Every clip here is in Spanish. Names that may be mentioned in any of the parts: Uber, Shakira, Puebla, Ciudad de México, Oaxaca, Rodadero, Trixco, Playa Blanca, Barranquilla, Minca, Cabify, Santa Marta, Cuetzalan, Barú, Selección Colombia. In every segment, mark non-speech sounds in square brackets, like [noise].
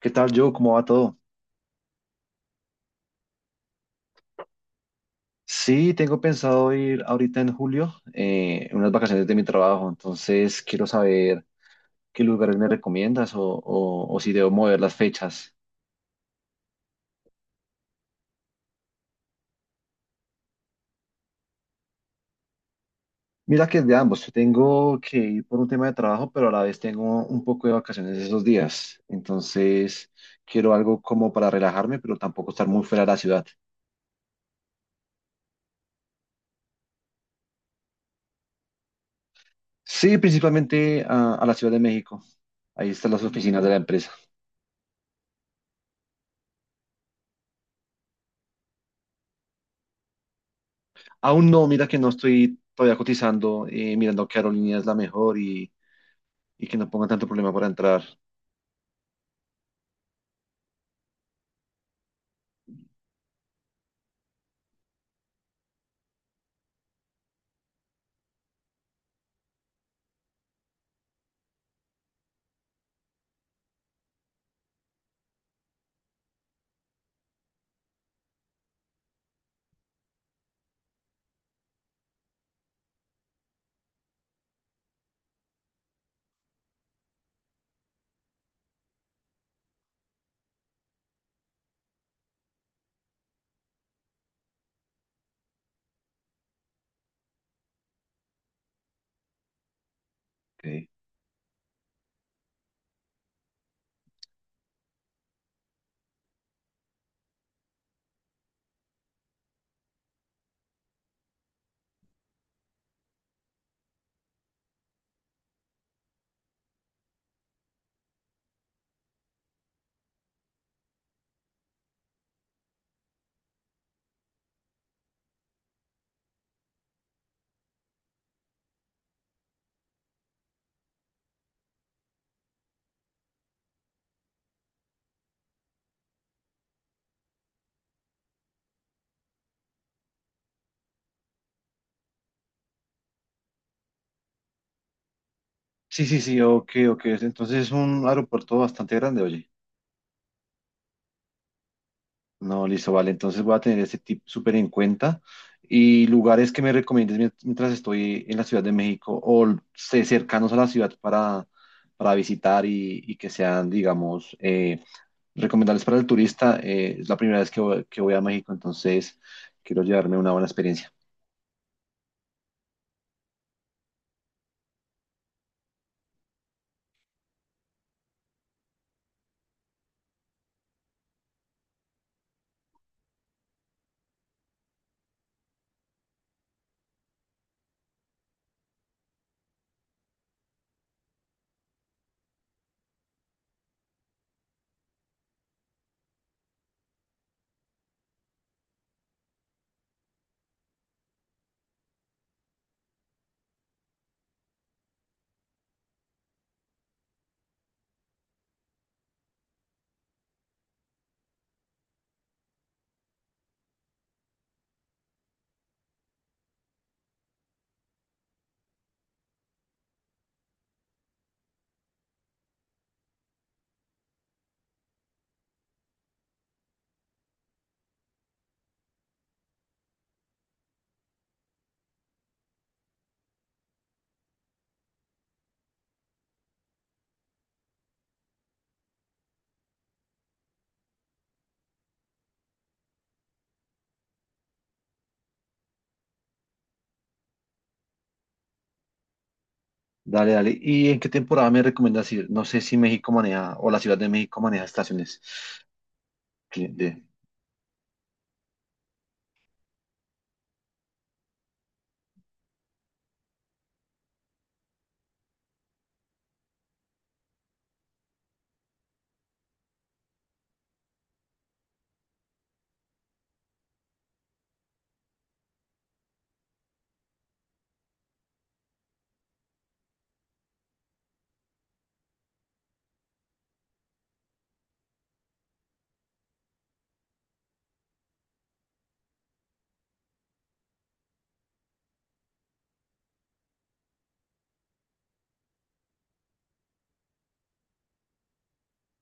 ¿Qué tal, yo? ¿Cómo va todo? Sí, tengo pensado ir ahorita en julio, en unas vacaciones de mi trabajo, entonces quiero saber qué lugares me recomiendas o si debo mover las fechas. Mira que es de ambos, yo tengo que ir por un tema de trabajo, pero a la vez tengo un poco de vacaciones esos días, entonces quiero algo como para relajarme, pero tampoco estar muy fuera de la ciudad. Sí, principalmente a la Ciudad de México, ahí están las oficinas de la empresa. Aún no, mira que no estoy todavía cotizando, mirando qué aerolínea es la mejor y que no pongan tanto problema para entrar. Ok. Sí, sí, sí, ok, ok. Entonces es un aeropuerto bastante grande, oye. No, listo, vale. Entonces voy a tener este tip súper en cuenta. Y lugares que me recomiendes mientras estoy en la Ciudad de México o sé, cercanos a la ciudad para visitar y que sean, digamos, recomendables para el turista. Es la primera vez que que voy a México, entonces quiero llevarme una buena experiencia. Dale, dale. ¿Y en qué temporada me recomiendas ir? No sé si México maneja o la Ciudad de México maneja estaciones. Que- de-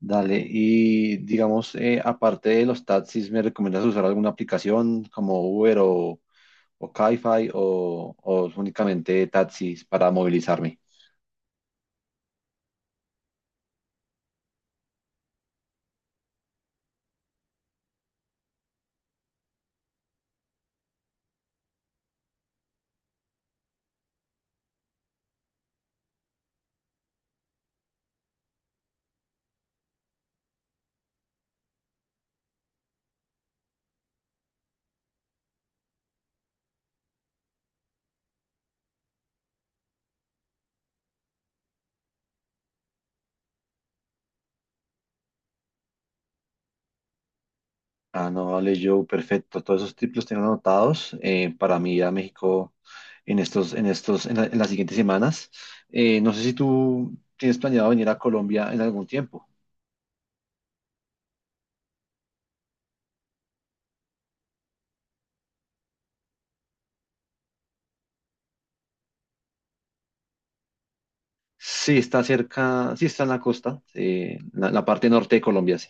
dale. Y digamos, aparte de los taxis, ¿me recomiendas usar alguna aplicación como Uber o Cabify o únicamente taxis para movilizarme? Ah, no, vale, yo, perfecto. Todos esos tips los tengo anotados para mí ir a México en estos, en las siguientes semanas. No sé si tú tienes planeado venir a Colombia en algún tiempo. Sí, está cerca, sí está en la costa, la parte norte de Colombia, sí.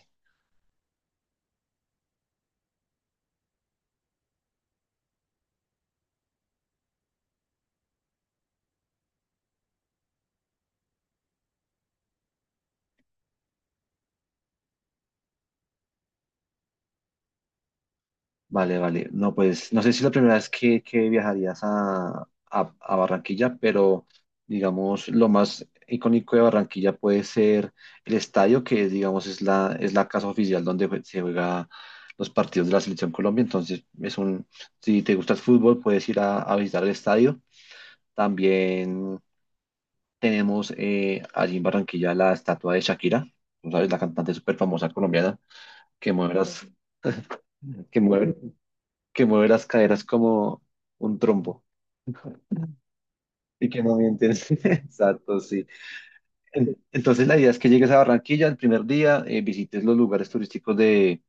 Vale, vale. No, pues no sé si es la primera vez que viajarías a Barranquilla, pero digamos lo más icónico de Barranquilla puede ser el estadio, que digamos es es la casa oficial donde se juega los partidos de la Selección Colombia. Entonces, es un, si te gusta el fútbol, puedes ir a visitar el estadio. También tenemos, allí en Barranquilla, la estatua de Shakira, ¿no, sabes? La cantante súper famosa colombiana que mueve que mueve, que mueve las caderas como un trompo y que no miente. [laughs] Exacto, sí. Entonces la idea es que llegues a Barranquilla el primer día, visites los lugares turísticos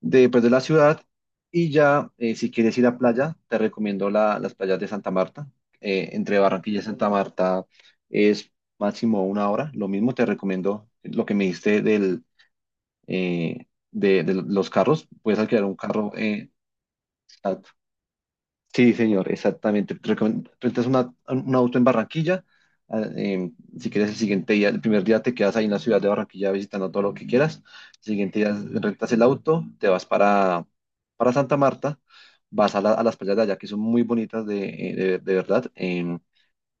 de, pues, de la ciudad y ya, si quieres ir a playa, te recomiendo las playas de Santa Marta. Entre Barranquilla y Santa Marta es máximo una hora. Lo mismo te recomiendo lo que me diste, eh, de los carros. Puedes alquilar un carro. Eh, exacto. Sí, señor, exactamente. Rentas un auto en Barranquilla. Ah, si quieres el siguiente día, el primer día te quedas ahí en la ciudad de Barranquilla visitando todo lo que quieras. El siguiente día rentas el auto, te vas para Santa Marta, vas a, a las playas de allá, que son muy bonitas de, de verdad.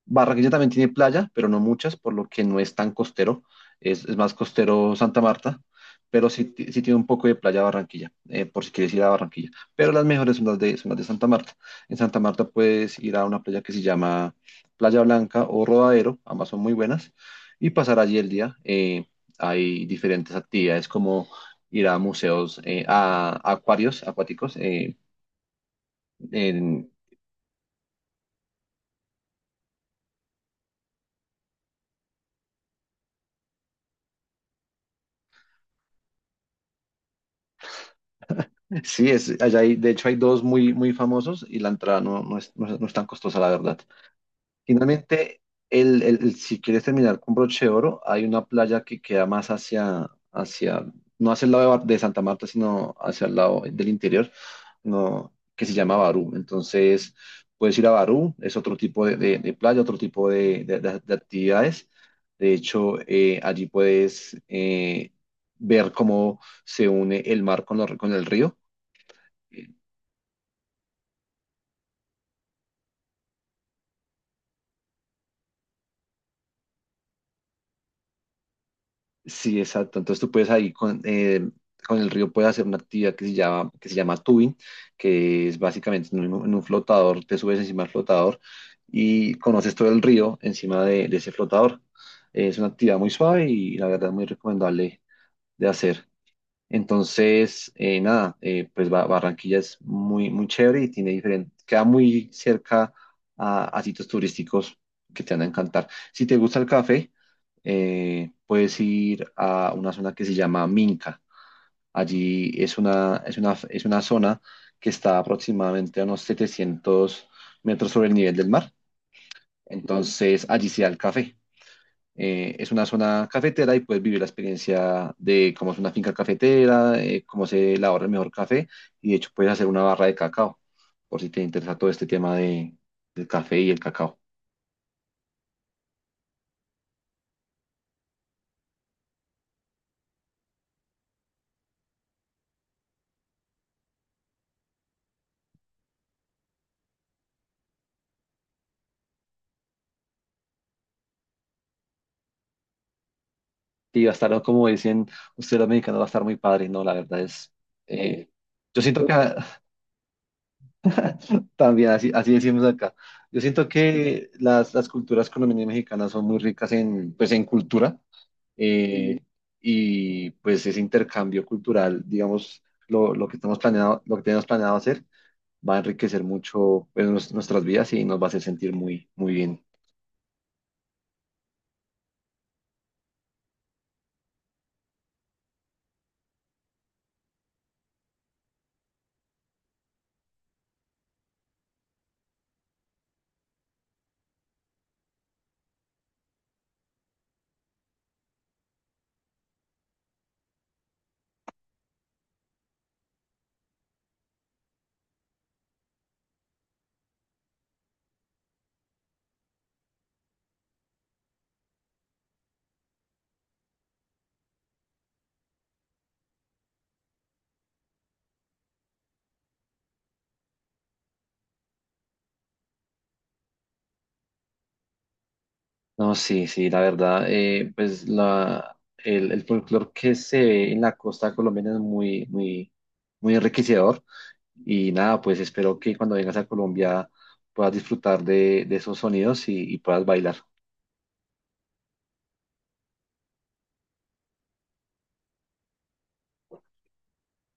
Barranquilla también tiene playa, pero no muchas, por lo que no es tan costero. Es más costero Santa Marta, pero sí, sí tiene un poco de playa Barranquilla, por si quieres ir a Barranquilla. Pero las mejores son son las de Santa Marta. En Santa Marta puedes ir a una playa que se llama Playa Blanca o Rodadero, ambas son muy buenas, y pasar allí el día. Hay diferentes actividades como ir a museos, a acuarios acuáticos, en, sí, es, allá hay, de hecho hay dos muy, muy famosos, y la entrada no, no es, no es tan costosa, la verdad. Finalmente, si quieres terminar con broche de oro, hay una playa que queda más hacia, no hacia el lado de, de Santa Marta, sino hacia el lado del interior, no, que se llama Barú. Entonces, puedes ir a Barú, es otro tipo de, de playa, otro tipo de, de actividades. De hecho, allí puedes, ver cómo se une el mar con, con el río. Sí, exacto. Entonces tú puedes ahí con el río puedes hacer una actividad que se llama tubing, que es básicamente en un flotador, te subes encima del flotador y conoces todo el río encima de ese flotador. Es una actividad muy suave y la verdad muy recomendable de hacer. Entonces, nada, pues Barranquilla es muy, muy chévere y tiene diferente, queda muy cerca a sitios turísticos que te van a encantar. Si te gusta el café, puedes ir a una zona que se llama Minca. Allí es una, es una zona que está aproximadamente a unos 700 metros sobre el nivel del mar. Entonces, allí se da el café. Es una zona cafetera y puedes vivir la experiencia de cómo es una finca cafetera, cómo se elabora el mejor café, y de hecho puedes hacer una barra de cacao, por si te interesa todo este tema de, del café y el cacao. Y va a estar, como dicen ustedes los mexicanos, va a estar muy padre, ¿no? La verdad es, eh, yo siento que [laughs] también así, así decimos acá, yo siento que las culturas colombianas y mexicanas son muy ricas en, pues, en cultura, eh, y pues ese intercambio cultural, digamos, lo que estamos planeado, lo que tenemos planeado hacer, va a enriquecer mucho, pues, nuestras vidas, y nos va a hacer sentir muy, muy bien. No, sí, sí, la verdad, pues el folclore que se ve en la costa colombiana es muy, muy, muy enriquecedor. Y nada, pues espero que cuando vengas a Colombia puedas disfrutar de esos sonidos y puedas bailar.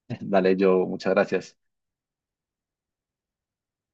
[laughs] Dale, yo, muchas gracias.